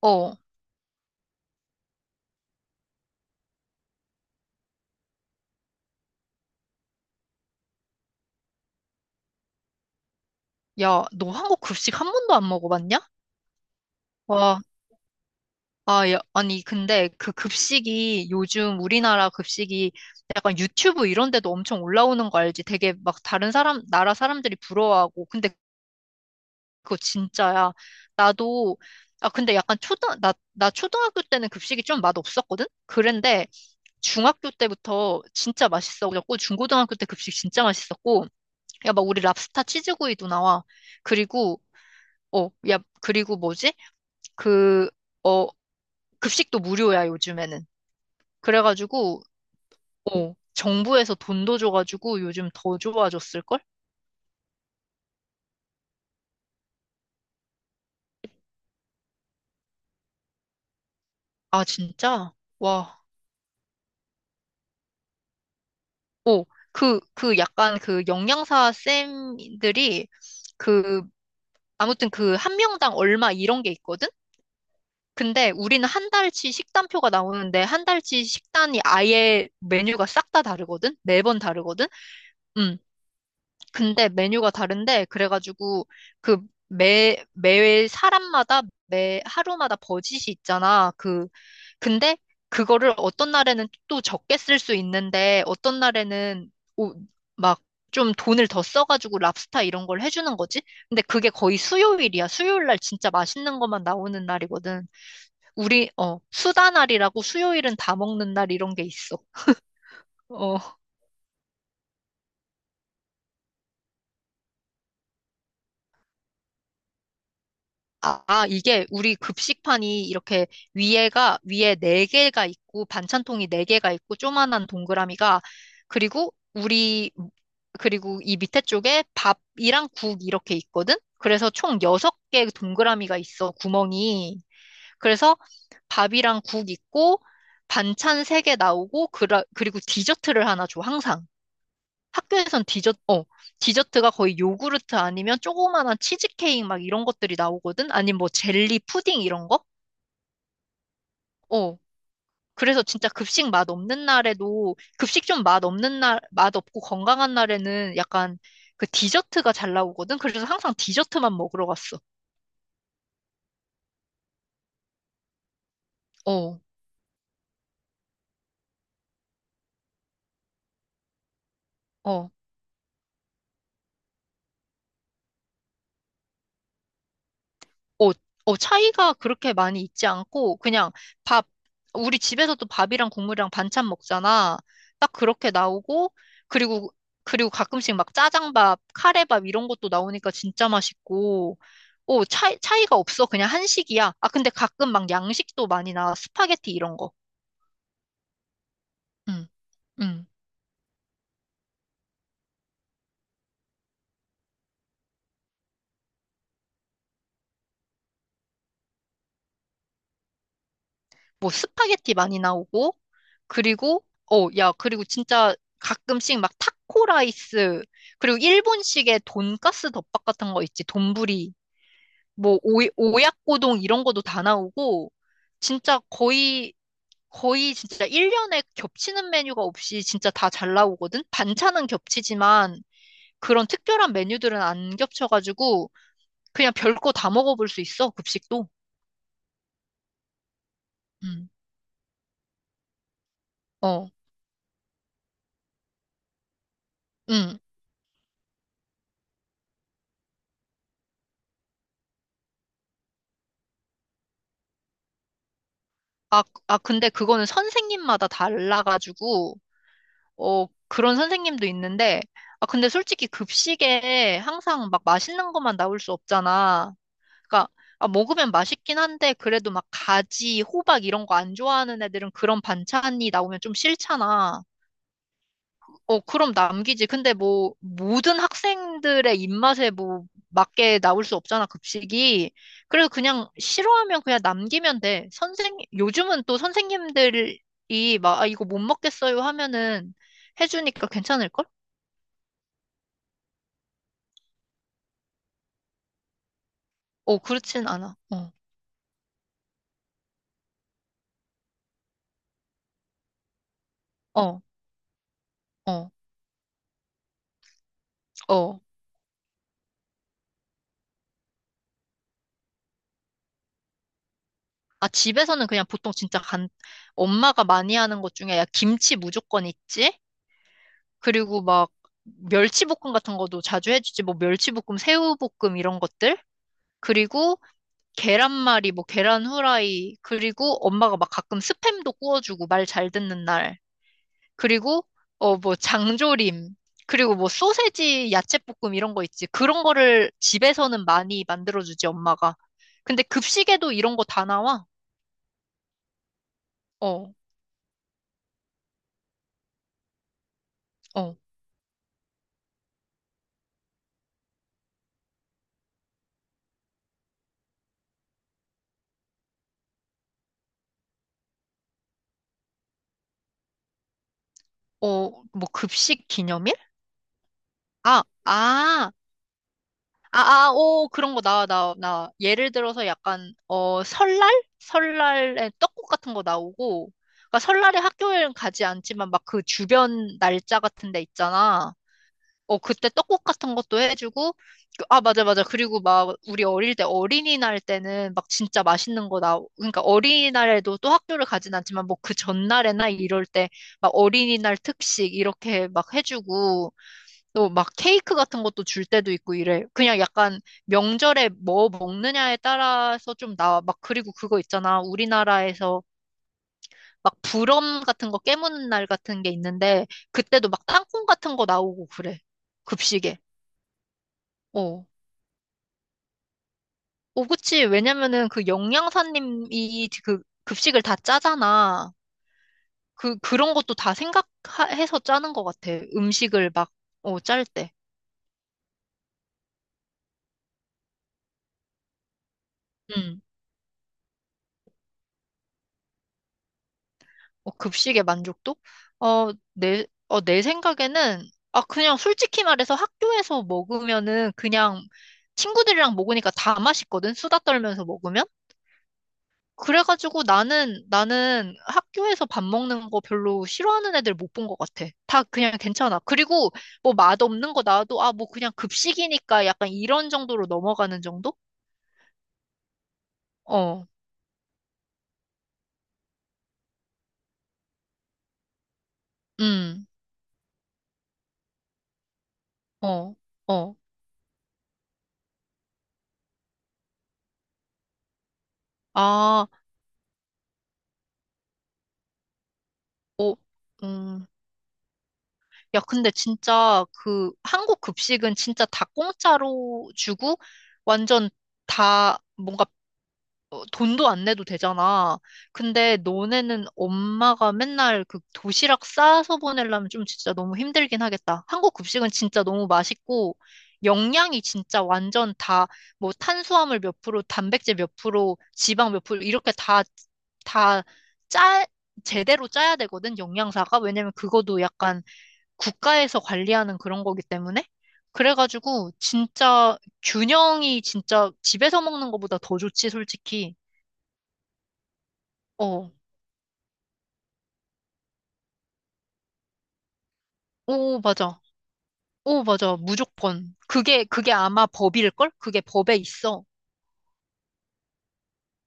어, 야, 너 한국 급식 한 번도 안 먹어봤냐? 와, 아, 야, 아니, 근데 그 급식이 요즘 우리나라 급식이 약간 유튜브 이런 데도 엄청 올라오는 거 알지? 되게 막 다른 사람, 나라 사람들이 부러워하고. 근데 그거 진짜야. 나도, 아, 근데 약간 나 초등학교 때는 급식이 좀 맛없었거든? 그런데 중학교 때부터 진짜 맛있어졌고, 중고등학교 때 급식 진짜 맛있었고, 야, 막 우리 랍스타 치즈구이도 나와. 그리고 어, 야, 그리고 뭐지? 그, 어, 급식도 무료야, 요즘에는. 그래가지고, 어, 정부에서 돈도 줘가지고 요즘 더 좋아졌을걸? 아, 진짜? 와, 어, 그, 그 약간 그 영양사 쌤들이 그, 아무튼 그 한 명당 얼마 이런 게 있거든? 근데 우리는 한 달치 식단표가 나오는데 한 달치 식단이 아예 메뉴가 싹 다 다르거든? 매번 다르거든? 응. 근데 메뉴가 다른데 그래가지고 그 매 사람마다 매 하루마다 버짓이 있잖아. 그 근데 그거를 어떤 날에는 또 적게 쓸 수 있는데 어떤 날에는 막 좀 돈을 더 써가지고 랍스타 이런 걸 해주는 거지. 근데 그게 거의 수요일이야. 수요일 날 진짜 맛있는 것만 나오는 날이거든. 우리 어 수다 날이라고 수요일은 다 먹는 날 이런 게 있어. 어. 아, 아, 이게 우리 급식판이 이렇게 위에가, 위에 네 개가 있고, 반찬통이 네 개가 있고, 조그만한 동그라미가, 그리고 우리, 그리고 이 밑에 쪽에 밥이랑 국 이렇게 있거든? 그래서 총 여섯 개 동그라미가 있어, 구멍이. 그래서 밥이랑 국 있고, 반찬 세 개 나오고, 그리고 디저트를 하나 줘, 항상. 학교에선 디저트, 어, 디저트가 거의 요구르트 아니면 조그만한 치즈케이크 막 이런 것들이 나오거든? 아니면 뭐 젤리, 푸딩 이런 거? 어. 그래서 진짜 급식 맛 없는 날에도, 급식 좀 맛 없는 날, 맛 없고 건강한 날에는 약간 그 디저트가 잘 나오거든? 그래서 항상 디저트만 먹으러 갔어. 어, 어. 어, 어, 차이가 그렇게 많이 있지 않고, 그냥 밥, 우리 집에서도 밥이랑 국물이랑 반찬 먹잖아. 딱 그렇게 나오고, 그리고, 그리고 가끔씩 막 짜장밥, 카레밥 이런 것도 나오니까 진짜 맛있고, 어, 차이가 없어. 그냥 한식이야. 아, 근데 가끔 막 양식도 많이 나와. 스파게티 이런 거. 응, 응. 뭐 스파게티 많이 나오고 그리고 어, 야, 그리고 진짜 가끔씩 막 타코 라이스 그리고 일본식의 돈가스 덮밥 같은 거 있지. 돈부리 뭐 오, 오약고동 이런 것도 다 나오고 진짜 거의 거의 진짜 1년에 겹치는 메뉴가 없이 진짜 다 잘 나오거든. 반찬은 겹치지만 그런 특별한 메뉴들은 안 겹쳐가지고 그냥 별거 다 먹어볼 수 있어. 급식도. 음. 어. 음. 아, 아, 근데 그거는 선생님마다 달라가지고, 어, 그런 선생님도 있는데, 아, 근데 솔직히 급식에 항상 막 맛있는 것만 나올 수 없잖아. 그러니까, 아, 먹으면 맛있긴 한데, 그래도 막 가지, 호박 이런 거 안 좋아하는 애들은 그런 반찬이 나오면 좀 싫잖아. 어, 그럼 남기지. 근데 뭐, 모든 학생들의 입맛에 뭐, 맞게 나올 수 없잖아, 급식이. 그래서 그냥 싫어하면 그냥 남기면 돼. 선생, 요즘은 또 선생님들이 막, 아, 이거 못 먹겠어요 하면은 해주니까 괜찮을걸? 어, 그렇진 않아. 어, 어, 어, 어. 아, 집에서는 그냥 보통 진짜 간, 엄마가 많이 하는 것 중에 야, 김치 무조건 있지? 그리고 막, 멸치볶음 같은 것도 자주 해주지. 뭐, 멸치볶음, 새우볶음 이런 것들? 그리고 계란말이, 뭐 계란 후라이, 그리고 엄마가 막 가끔 스팸도 구워주고 말 잘 듣는 날. 그리고 어 뭐 장조림, 그리고 뭐 소세지, 야채볶음 이런 거 있지. 그런 거를 집에서는 많이 만들어주지 엄마가. 근데 급식에도 이런 거 다 나와. 어, 어, 어, 뭐 급식 기념일? 아, 아. 아, 아, 오, 그런 거 나와, 나와, 나와. 예를 들어서 약간, 어, 설날? 설날에 떡국 같은 거 나오고, 그러니까 설날에 학교에는 가지 않지만 막 그 주변 날짜 같은 데 있잖아. 어, 그때 떡국 같은 것도 해주고, 그- 아, 맞아, 맞아. 그리고 막 우리 어릴 때 어린이날 때는 막 진짜 맛있는 거 나오, 그러니까 어린이날에도 또 학교를 가진 않지만 뭐 그 전날에나 이럴 때 막 어린이날 특식 이렇게 막 해주고, 또 막 케이크 같은 것도 줄 때도 있고 이래. 그냥 약간 명절에 뭐 먹느냐에 따라서 좀 나와. 막 그리고 그거 있잖아. 우리나라에서 막 불엄 같은 거 깨무는 날 같은 게 있는데 그때도 막 땅콩 같은 거 나오고 그래. 급식에. 어. 어, 그치. 왜냐면은 그 영양사님이 그 급식을 다 짜잖아. 그, 그런 것도 다 생각해서 짜는 것 같아. 음식을 막, 어, 짤 때. 응. 어, 급식의 만족도? 어, 내, 어, 내 생각에는, 아, 그냥 솔직히 말해서 학교에서 먹으면은 그냥 친구들이랑 먹으니까 다 맛있거든? 수다 떨면서 먹으면? 그래가지고 나는 학교에서 밥 먹는 거 별로 싫어하는 애들 못 본 것 같아. 다 그냥 괜찮아. 그리고 뭐 맛없는 거 나와도, 아, 뭐 그냥 급식이니까 약간 이런 정도로 넘어가는 정도? 어, 음, 어, 어. 아, 어, 음. 야, 근데 진짜 그 한국 급식은 진짜 다 공짜로 주고 완전 다 뭔가 어, 돈도 안 내도 되잖아. 근데 너네는 엄마가 맨날 그 도시락 싸서 보내려면 좀 진짜 너무 힘들긴 하겠다. 한국 급식은 진짜 너무 맛있고 영양이 진짜 완전 다 뭐 탄수화물 몇 프로, 단백질 몇 프로, 지방 몇 프로 이렇게 다 다 짜 제대로 짜야 되거든, 영양사가. 왜냐면 그것도 약간 국가에서 관리하는 그런 거기 때문에 그래가지고 진짜 균형이 진짜 집에서 먹는 것보다 더 좋지 솔직히. 어, 오 맞아, 오 맞아, 무조건 그게 아마 법일걸? 그게 법에 있어.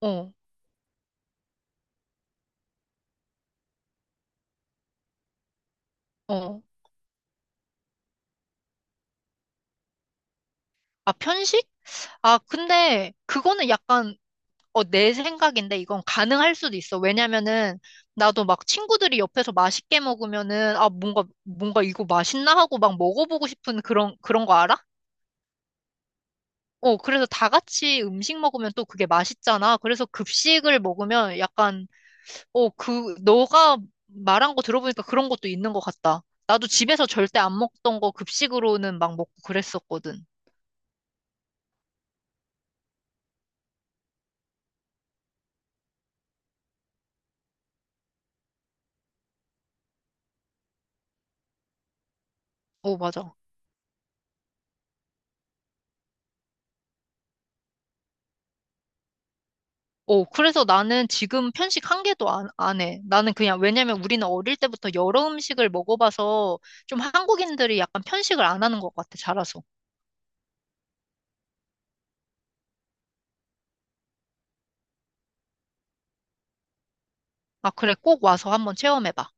어, 어. 아 편식? 아 근데 그거는 약간 어, 내 생각인데 이건 가능할 수도 있어. 왜냐면은 나도 막 친구들이 옆에서 맛있게 먹으면은 아 뭔가 뭔가 이거 맛있나 하고 막 먹어보고 싶은 그런 거 알아? 어, 그래서 다 같이 음식 먹으면 또 그게 맛있잖아. 그래서 급식을 먹으면 약간, 어, 그, 너가 말한 거 들어보니까 그런 것도 있는 것 같다. 나도 집에서 절대 안 먹던 거 급식으로는 막 먹고 그랬었거든. 어, 맞아. 어, 그래서 나는 지금 편식 한 개도 안 해. 나는 그냥, 왜냐면 우리는 어릴 때부터 여러 음식을 먹어봐서 좀 한국인들이 약간 편식을 안 하는 것 같아, 자라서. 아, 그래, 꼭 와서 한번 체험해봐.